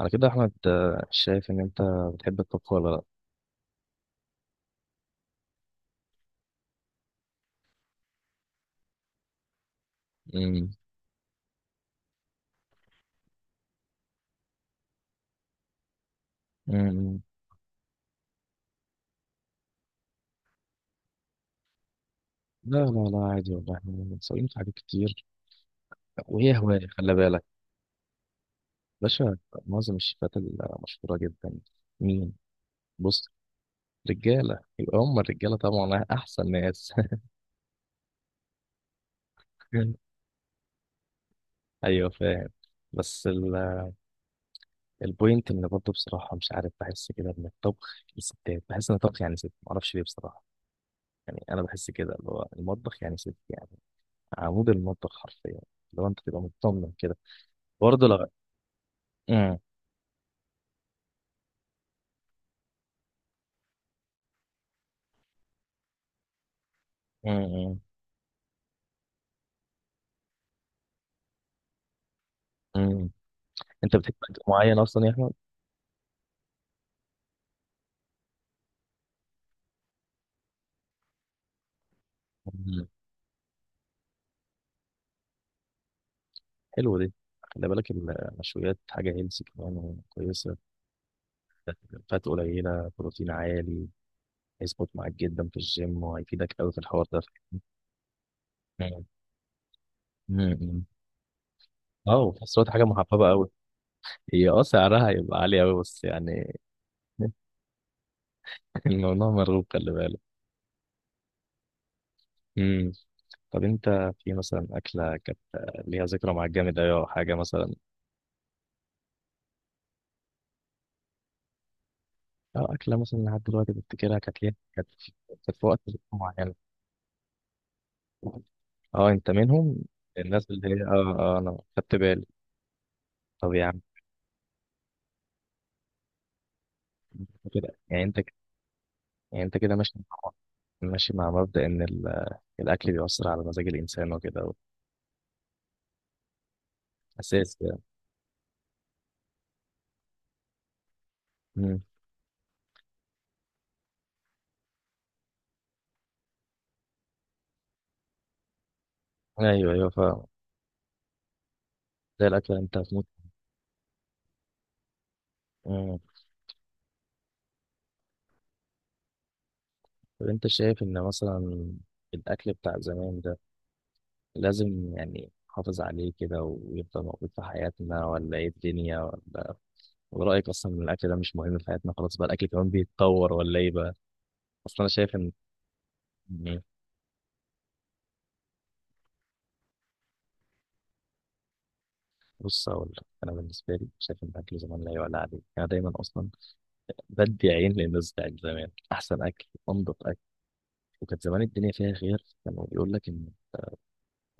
على كده يا احمد، شايف ان انت بتحب الطبخ ولا لا؟ امم، امم. لا لا لا، عادي والله احنا متساويين في حاجات كتير. وهي هواية، خلي بالك. باشا. معظم الشيفات المشهورة جدا. مين؟ بص. رجالة، يبقى هم الرجالة طبعا أحسن ناس. أيوه فاهم. بس البوينت إن برضه بصراحة مش عارف، بحس كده إن الطبخ للستات، بحس إن الطبخ يعني ست، معرفش ليه بصراحة. يعني أنا بحس كده اللي هو المطبخ يعني ست يعني عمود المطبخ حرفيا، لو أنت تبقى مطمن كده. برضه لا. امم، امم، امم، امم. انت بتحب اكل معين اصلا يا احمد؟ مم. حلو دي، خلي بالك المشويات حاجه هيلثي كمان كويسه. فات قليله، بروتين عالي، هيظبط معاك جدا في الجيم وهيفيدك قوي في الحوار ده. مم. مم. اه، وفي نفس الوقت حاجه محببه قوي. هي سعرها هيبقى عالي قوي بس يعني. الموضوع مرغوب، خلي بالك. امم. طب انت في مثلا اكله كانت ليها ذكرى معاك جامد قوي او حاجه مثلا؟ اه، أكلة مثلا لحد دلوقتي بفتكرها، كانت ليه، كانت في وقت معين. اه انت منهم، الناس اللي هي انا خدت بالي. طب يا عم، كده يعني انت ك- يعني انت كده مع ماشي مع مبدأ ان الاكل بيؤثر على مزاج الانسان وكده، اساس يعني. مم. ايوه ايوه فاهم. زي الاكل انت هتموت. مم. طب انت شايف ان مثلا الاكل بتاع زمان ده لازم يعني نحافظ عليه كده ويفضل موجود في حياتنا، ولا ايه الدنيا؟ ولا ورأيك أصلا إن الأكل ده مش مهم في حياتنا، خلاص بقى الأكل كمان بيتطور، ولا إيه بقى؟ أصلا أنا شايف إن، يعني، بص أقول لك، أنا بالنسبة لي شايف إن الأكل زمان لا يعلى عليه. أنا دايما أصلا بدي عين للناس بتاعت زمان، أحسن أكل، أنضف أكل، وكانت زمان الدنيا فيها خير، كانوا يقول لك إن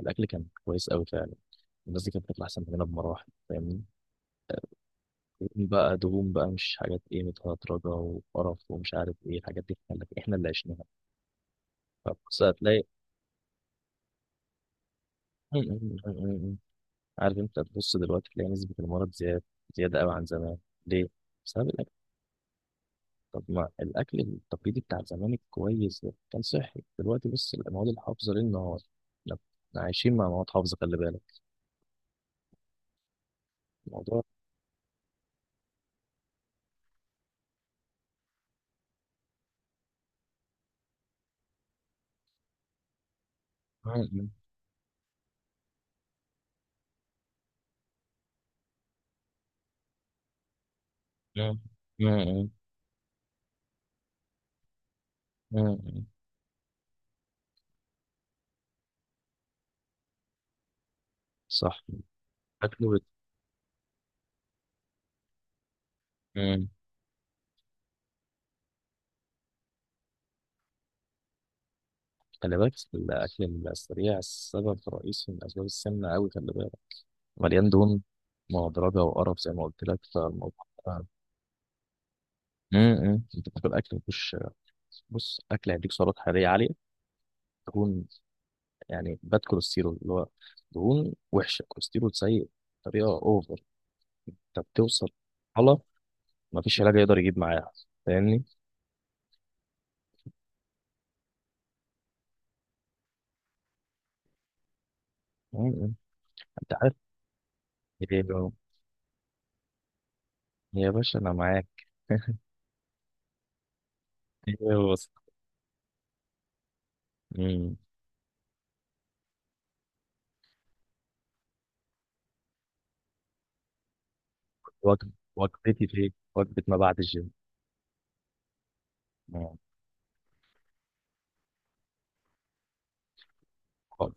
الأكل كان كويس أوي فعلا، الناس دي كانت بتطلع أحسن مننا بمراحل، فاهمني؟ دهون بقى، دهون بقى، مش حاجات إيه متهدرجة وقرف ومش عارف إيه، الحاجات دي إحنا اللي عشناها. فبص هتلاقي. عارف انت، تبص دلوقتي تلاقي نسبة المرض زيادة، زيادة قوي عن زمان. ليه؟ بسبب الأكل. طب ما الأكل التقليدي بتاع زمان الكويس ده كان صحي. دلوقتي بص المواد الحافظة ليل نهار، احنا إحنا عايشين مع مواد حافظة، خلي بالك الموضوع. م- م- م- م- م- صح. أكله بت... م. خلي بالك الأكل السريع السبب الرئيسي من أسباب السمنة أوي، خلي بالك مليان دهون مهدرجة وقرف زي ما قلت لك فالموضوع. م. انت بتاكل اكل مفيهوش. بص، اكل هيديك سعرات حراريه عاليه، دهون، يعني باد كوليسترول، اللي هو دهون وحشه، كوليسترول سيء بطريقه اوفر، انت بتوصل مرحله ما فيش علاج يقدر يجيب معاها، فاهمني. مم. انت عارف إيه؟ يا باشا انا معاك. ايه؟ بص. مم. وجبتي في إيه؟ وجبه ما بعد الجيم. مم. خالص.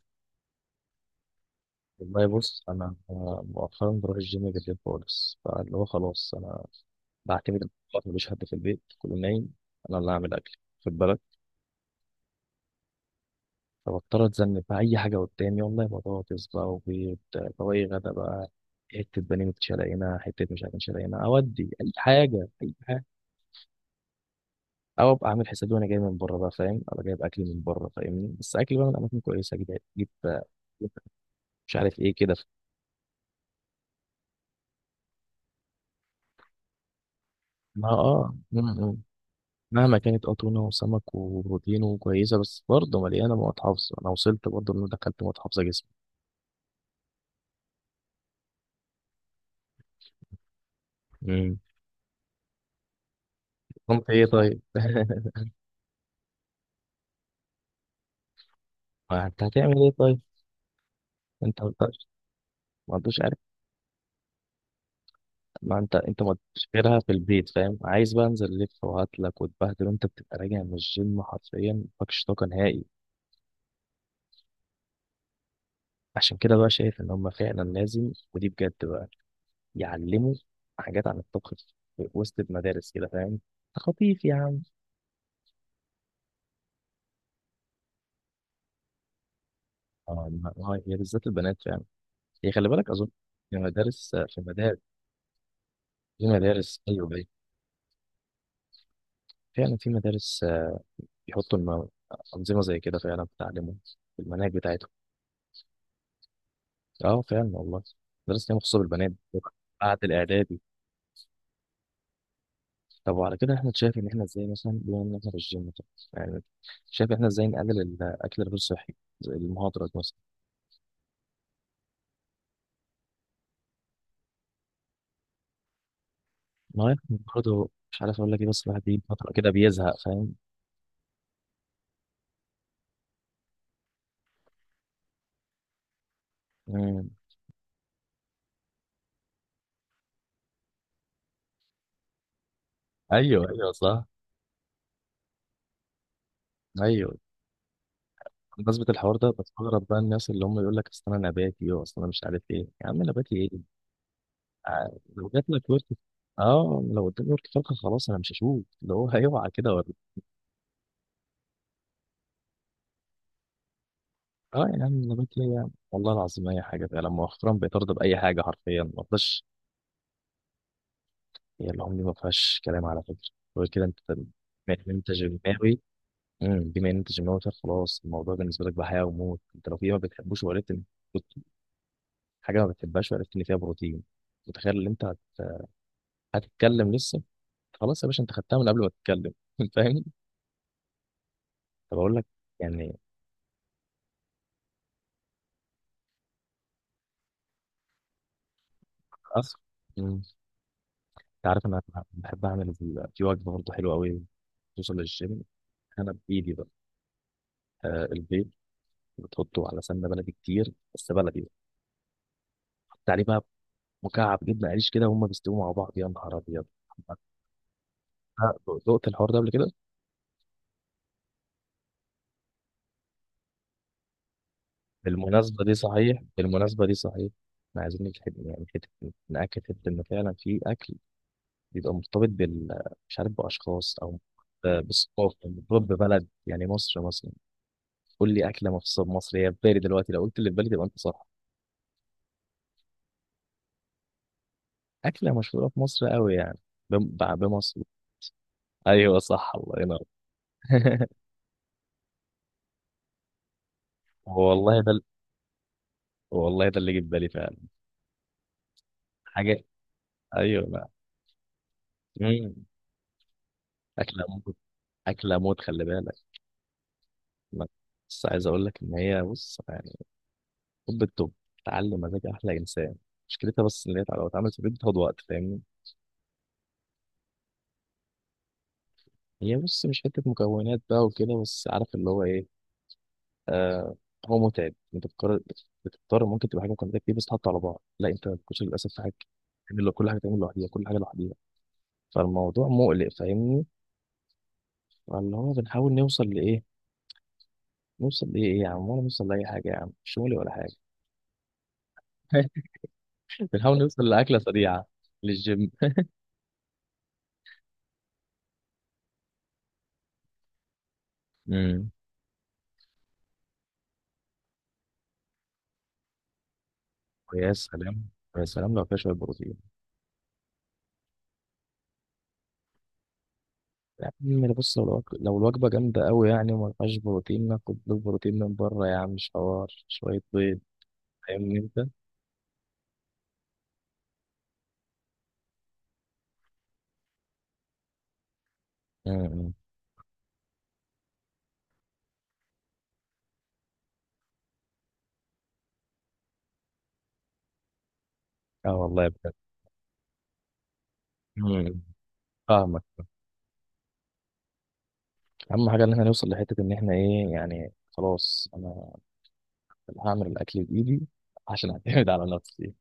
والله بص أنا مؤخرا بروح الجيم بالليل خالص، فاللي هو خلاص انا بعتمد على الوقت، مفيش حد في البيت، كله نايم، انا اللي هعمل اكل، خد بالك. فبضطر اتذنب في اي حاجه قدامي، والله بطاطس بقى وبيض، طواجي غدا بقى، حته بانيه متشلقينه، حته مش عارف متشلقينه، اودي اي حاجه، اي حاجه. او ابقى اعمل حسابي وانا جاي من بره بقى، فاهم، انا جايب اكل من بره، فاهمني، بس اكل بقى من اماكن كويسه، اجيب، اجيب مش عارف ايه كده. ما اه م- م. مهما كانت تونه وسمك وبروتين وكويسه، بس برضه مليانه مواد حافظه. انا وصلت برضه ان أنا دخلت مواد حافظه جسمي. امم. قمت ايه طيب؟ ما انت هتعمل ايه طيب؟ انت ما عندكش. ما عندوش. ما انت انت ما غيرها في البيت، فاهم، عايز بقى انزل الف وهاتلك وتبهدل، وانت بتبقى راجع من الجيم حرفيا مفيكش طاقه نهائي. عشان كده بقى شايف ان هم فعلا لازم، ودي بجد بقى، يعلموا حاجات عن الطبخ في وسط المدارس كده، فاهم، خطيف يا عم. اه، ما- ما هي بالذات البنات فعلا. هي خلي بالك اظن في مدارس، في مدارس، في مدارس، ايوه ايوه، فعلا في مدارس، بيحطوا انظمه زي كده فعلا، بتعلمهم في المناهج بتاعتهم. اه فعلا والله، مدرسة كان مخصوصة بالبنات بعد الإعدادي. طب وعلى كده احنا شايف إن احنا ازاي مثلا، بما إن احنا في الجيم، طب، يعني، شايف احنا ازاي نقلل الأكل الغير صحي، زي المهاضرة مثلا؟ ما هو يعني، برضه مش عارف أقول لك إيه، بس الواحد دي فترة كده بيزهق، فاهم. مم. أيوه أيوه صح. أيوه. بمناسبة الحوار ده، بستغرب بقى الناس اللي هم يقول لك أصل أنا نباتي وأصل أنا مش عارف إيه، يا عم نباتي إيه؟ لو جات لك ورك، اه لو قدامي ورك فرخة، خلاص أنا مش هشوف اللي هو، هيوعى كده. اه يعني أنا النبات، هي والله العظيم اي حاجه فعلا، مؤخرا بقيت ارضى باي حاجه حرفيا ما فيهاش. هي العمر دي ما فيهاش كلام، على فكره. غير كده انت، بما ان انت جماوي. امم. بما ان انت جماوي فخلاص الموضوع بالنسبه لك بحياه وموت، انت لو في ما بتحبوش وعرفت ان، كنت حاجه ما بتحبهاش وعرفت ان فيها بروتين، متخيل ان انت هتتكلم لسه، خلاص يا باشا انت خدتها من قبل ما تتكلم. فاهم. طب اقول لك يعني، اصلا انت عارف انا بحب اعمل في وجبه برضه حلوه قوي توصل للجيم، انا بايدي بقى. البيض بتحطه على سمنه بلدي كتير، بس بلدي، حط عليه بقى مكعب جبنه قريش كده، وهم بيستووا مع بعض، يا نهار ابيض. آه، دقت الحوار ده قبل كده؟ بالمناسبه دي صحيح، بالمناسبه دي صحيح، احنا عايزين نجحد يعني حته، ناكد حته ان فعلا في اكل بيبقى مرتبط بال، مش عارف باشخاص او بالثقافه، مرتبط ببلد يعني مصر مثلا. قول لي اكله مخصوصه بمصر هي في بالي دلوقتي، لو قلت اللي في بالي تبقى انت صح. اكله مشهوره في مصر قوي يعني، بمصر. ايوه صح، الله ينور. والله ده، والله ده اللي جه في بالي فعلا. حاجه، ايوه، لا. مم. اكله موت، اكله موت، خلي بالك. ما-. بس عايز اقول لك ان هي بص يعني، طب الطب، تعلم مزاج احلى انسان. مشكلتها بس ان هي لو اتعملت في البيت بتاخد وقت، فاهمني. هي بص مش حته مكونات بقى وكده، بس عارف اللي هو ايه، آه هو متعب، انت بتقرر، بتضطر ممكن تبقى حاجه مكونات كتير بس تحط على بعض. لا انت الكشري للاسف في حاجه تعمل كل حاجه تعمل لوحديها، كل حاجه لوحديها، فالموضوع مقلق، فاهمني. فاللي هو بنحاول نوصل لايه؟ نوصل لإيه يا عم؟ ولا نوصل لأي حاجة يا عم، مش مولي ولا حاجة. بنحاول نوصل لأكلة سريعة للجيم. امم. ويا سلام، يا سلام لو فيها شوية بروتين. يا عم بص، لو الوجبة، لو الوجبة جامدة أوي يعني وما فيهاش بروتين، ناخد له بروتين من بره يا عم، مش حوار شوية بيض، فاهمني أنت؟ امم. اه والله بجد. امم. فاهمك. أهم حاجة إن احنا نوصل لحتة إن احنا إيه يعني، خلاص أنا هعمل الأكل بإيدي عشان أعتمد على نفسي.